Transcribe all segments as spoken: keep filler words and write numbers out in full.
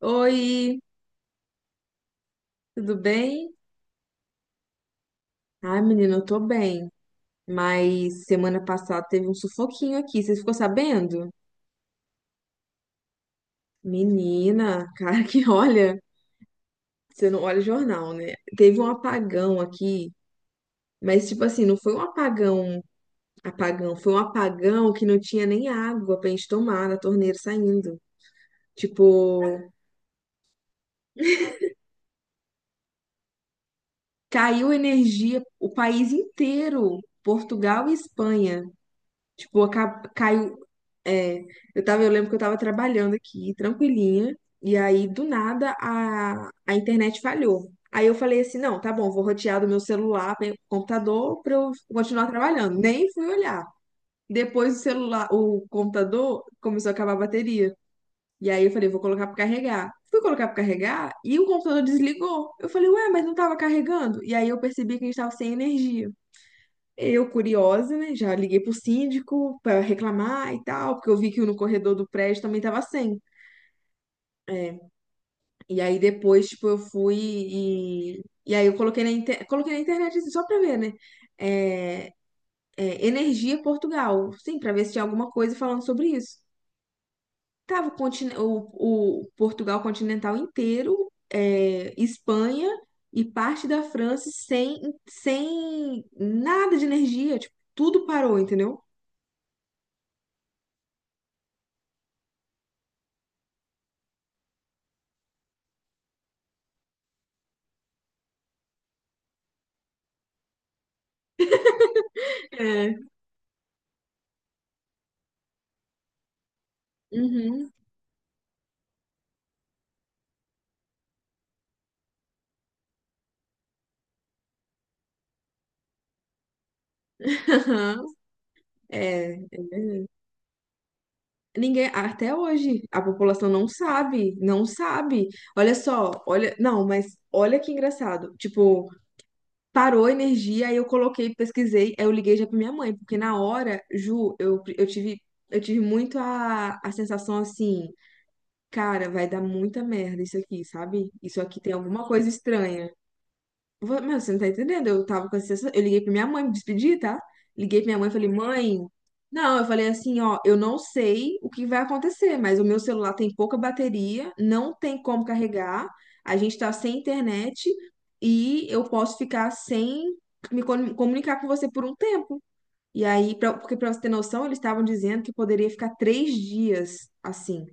Oi, tudo bem? Ai, menina, eu tô bem. Mas semana passada teve um sufoquinho aqui, você ficou sabendo? Menina, cara que olha, você não olha o jornal, né? Teve um apagão aqui, mas tipo assim, não foi um apagão, apagão, foi um apagão que não tinha nem água pra gente tomar na torneira saindo. Tipo, caiu energia o país inteiro, Portugal e Espanha. Tipo, aca- caiu. É, eu tava, eu lembro que eu tava trabalhando aqui, tranquilinha, e aí do nada a, a internet falhou. Aí eu falei assim, não, tá bom, vou rotear do meu celular para computador para eu continuar trabalhando. Nem fui olhar. Depois o celular, o computador começou a acabar a bateria. E aí eu falei, vou colocar para carregar. Fui colocar para carregar e o computador desligou. Eu falei, ué, mas não tava carregando? E aí eu percebi que a gente tava sem energia. Eu, curiosa, né? Já liguei pro síndico para reclamar e tal, porque eu vi que no corredor do prédio também tava sem. É. E aí depois, tipo, eu fui e. E aí eu coloquei na, inter... coloquei na internet assim, só pra ver, né? É... é, Energia Portugal. Sim, pra ver se tinha alguma coisa falando sobre isso. Tava o, contin- o- o Portugal continental inteiro, é, Espanha e parte da França sem... sem nada de energia. Tipo, tudo parou, entendeu? Uhum. Aham. É, é verdade. Ninguém, até hoje, a população não sabe, não sabe. Olha só, olha, não, mas olha que engraçado. Tipo, parou a energia, aí eu coloquei, pesquisei, aí eu liguei já pra minha mãe, porque na hora, Ju, eu, eu tive, eu tive muito a, a sensação assim, cara, vai dar muita merda isso aqui, sabe? Isso aqui tem alguma coisa estranha. Vo- Meu, você não tá entendendo? Eu tava com essa sensação. Eu liguei pra minha mãe, me despedi, tá? Liguei pra minha mãe e falei, mãe. Não, eu falei assim, ó, eu não sei o que vai acontecer, mas o meu celular tem pouca bateria, não tem como carregar, a gente tá sem internet e eu posso ficar sem me com- comunicar com você por um tempo. E aí, pra, porque pra você ter noção, eles estavam dizendo que poderia ficar três dias assim.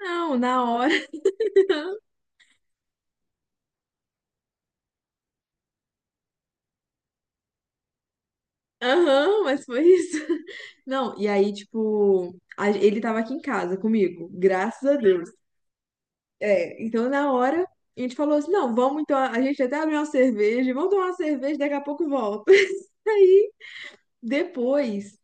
Não, na hora. Aham, mas foi isso. Não, e aí, tipo, a- ele tava aqui em casa comigo, graças a Deus. É, então na hora a gente falou assim: não, vamos então, a gente até abriu uma cerveja, vamos tomar uma cerveja, daqui a pouco volta. Aí depois,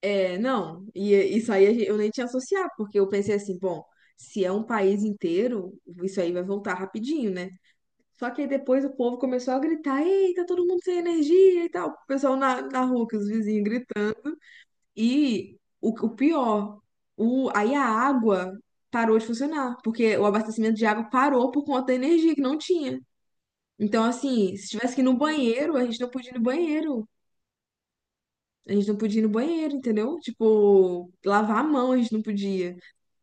é, não, e isso aí a gen- eu nem tinha associado, porque eu pensei assim: bom, se é um país inteiro, isso aí vai voltar rapidinho, né? Só que aí depois o povo começou a gritar: ei, tá todo mundo sem energia e tal. O pessoal na, na rua, que os vizinhos gritando. E o, o pior, o, aí a água parou de funcionar, porque o abastecimento de água parou por conta da energia que não tinha. Então, assim, se tivesse que ir no banheiro, a gente não podia ir no banheiro. A gente não podia ir no banheiro, entendeu? Tipo, lavar a mão a gente não podia.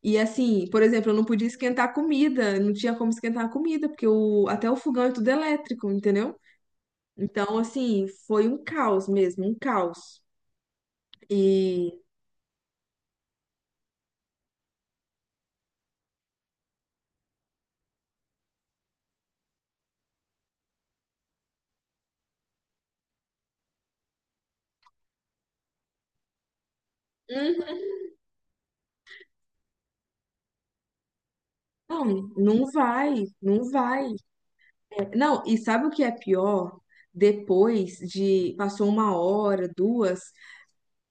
E assim, por exemplo, eu não podia esquentar a comida, não tinha como esquentar a comida, porque o, até o fogão é tudo elétrico, entendeu? Então, assim, foi um caos mesmo, um caos. E. uhum. Não, não vai, não vai. Não, e sabe o que é pior? Depois de passou uma hora, duas,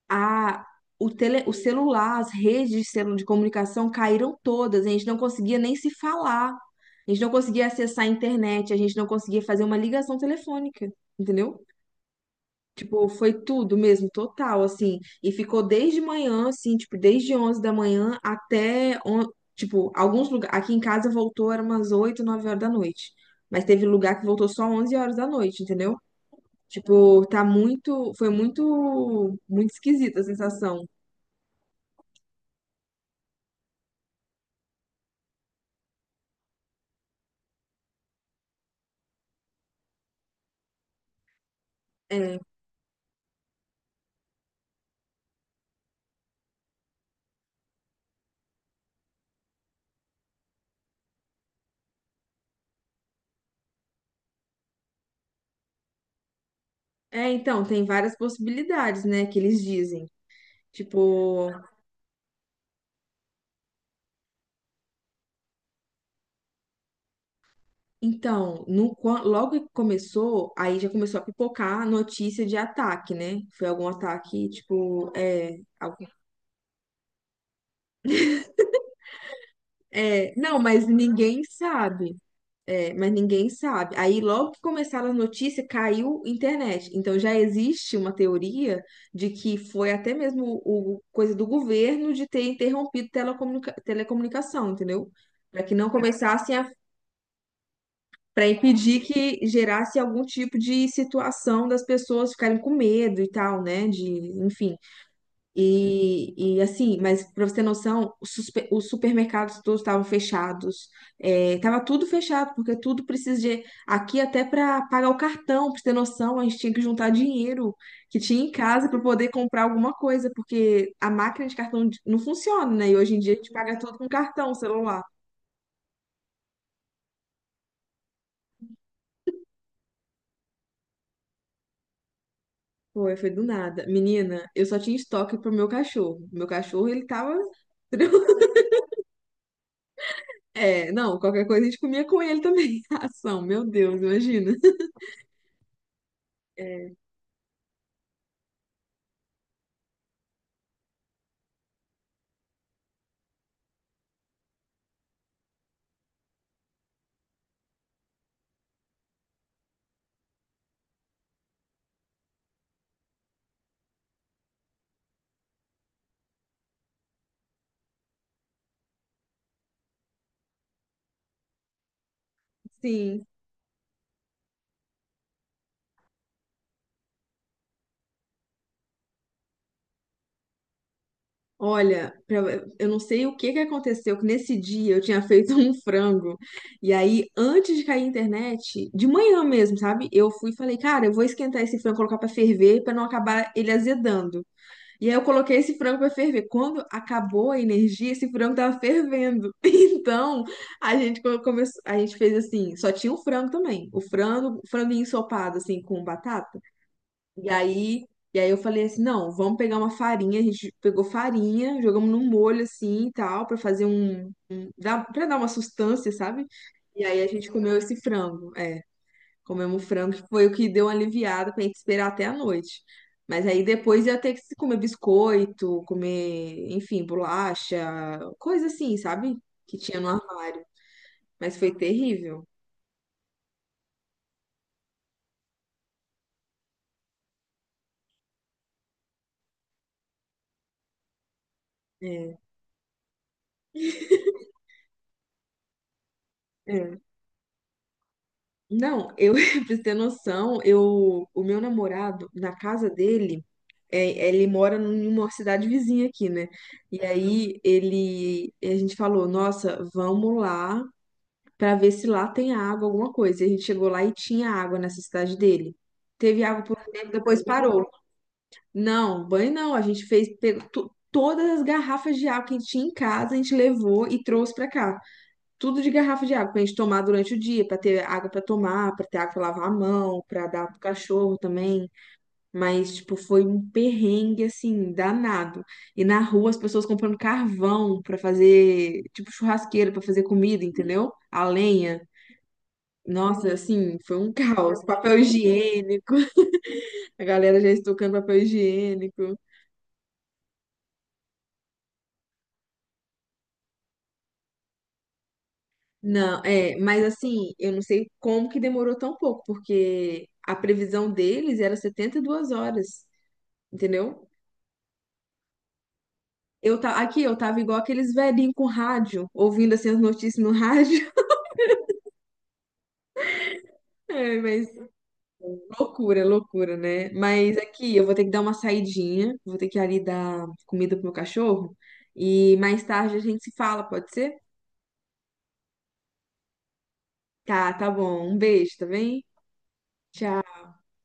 a o, tele, o celular, as redes de celu- de comunicação caíram todas. A gente não conseguia nem se falar. A gente não conseguia acessar a internet, a gente não conseguia fazer uma ligação telefônica, entendeu? Tipo, foi tudo mesmo, total, assim. E ficou desde manhã, assim, tipo, desde onze da manhã até, on- tipo, alguns lugares. Aqui em casa voltou, era umas oito nove horas da noite. Mas teve lugar que voltou só onze horas da noite, entendeu? Tipo, tá muito. Foi muito. Muito esquisita a sensação. É, é, então, tem várias possibilidades, né, que eles dizem. Tipo, então, no quan- logo que começou, aí já começou a pipocar a notícia de ataque, né? Foi algum ataque, tipo, é, al- é, não, mas ninguém sabe. É, mas ninguém sabe. Aí logo que começaram a notícia, caiu internet. Então já existe uma teoria de que foi até mesmo o coisa do governo de ter interrompido telecomunica telecomunicação, entendeu? Para que não É, começassem, para impedir que gerasse algum tipo de situação das pessoas ficarem com medo e tal, né? De, enfim. E, e assim, mas para você ter noção, os, suspe- os supermercados todos estavam fechados, é, tava tudo fechado, porque tudo precisa de. Aqui, até para pagar o cartão, para você ter noção, a gente tinha que juntar dinheiro que tinha em casa para poder comprar alguma coisa, porque a máquina de cartão não funciona, né? E hoje em dia a gente paga tudo com cartão, celular. Foi, foi do nada. Menina, eu só tinha estoque pro meu cachorro. Meu cachorro, ele tava. É, não, qualquer coisa a gente comia com ele também. Ação, meu Deus, imagina. Sim. Olha, pra- eu não sei o que que aconteceu, que nesse dia eu tinha feito um frango. E aí, antes de cair a internet, de manhã mesmo, sabe? Eu fui e falei, cara, eu vou esquentar esse frango, colocar pra ferver, pra não acabar ele azedando. E aí eu coloquei esse frango para ferver. Quando acabou a energia, esse frango tava fervendo. Então, a gente co- começou, a gente fez assim, só tinha o frango também. O frango, franguinho ensopado assim com batata. E aí, e aí eu falei assim, não, vamos pegar uma farinha, a gente pegou farinha, jogamos num molho assim e tal, para fazer um, um para dar uma sustância, sabe? E aí a gente comeu esse frango. é. Comemos frango, que foi o que deu uma aliviada pra gente esperar até a noite. Mas aí depois ia ter que comer biscoito, comer, enfim, bolacha, coisa assim, sabe? Que tinha no armário. Mas foi terrível. É, é. Não, eu, pra você ter noção, eu, o meu namorado, na casa dele, é, ele mora numa cidade vizinha aqui, né? E aí ele, a gente falou, nossa, vamos lá para ver se lá tem água, alguma coisa. E a gente chegou lá e tinha água nessa cidade dele. Teve água por um tempo, depois parou. Não, banho não. A gente fez, pegou to- todas as garrafas de água que a gente tinha em casa, a gente levou e trouxe para cá. Tudo de garrafa de água para a gente tomar durante o dia, para ter água para tomar, para ter água para lavar a mão, para dar pro cachorro também. Mas, tipo, foi um perrengue, assim, danado. E na rua as pessoas comprando carvão para fazer, tipo, churrasqueira para fazer comida, entendeu? A lenha. Nossa, assim, foi um caos. Papel higiênico, a galera já estocando papel higiênico. Não, é, mas assim, eu não sei como que demorou tão pouco, porque a previsão deles era setenta e duas horas, entendeu? Eu tá, aqui eu tava igual aqueles velhinhos com rádio, ouvindo assim as notícias no rádio. É, mas loucura, loucura, né? Mas aqui eu vou ter que dar uma saidinha, vou ter que ali dar comida pro meu cachorro e mais tarde a gente se fala, pode ser? Tá, tá bom. Um beijo, tá bem? Tchau.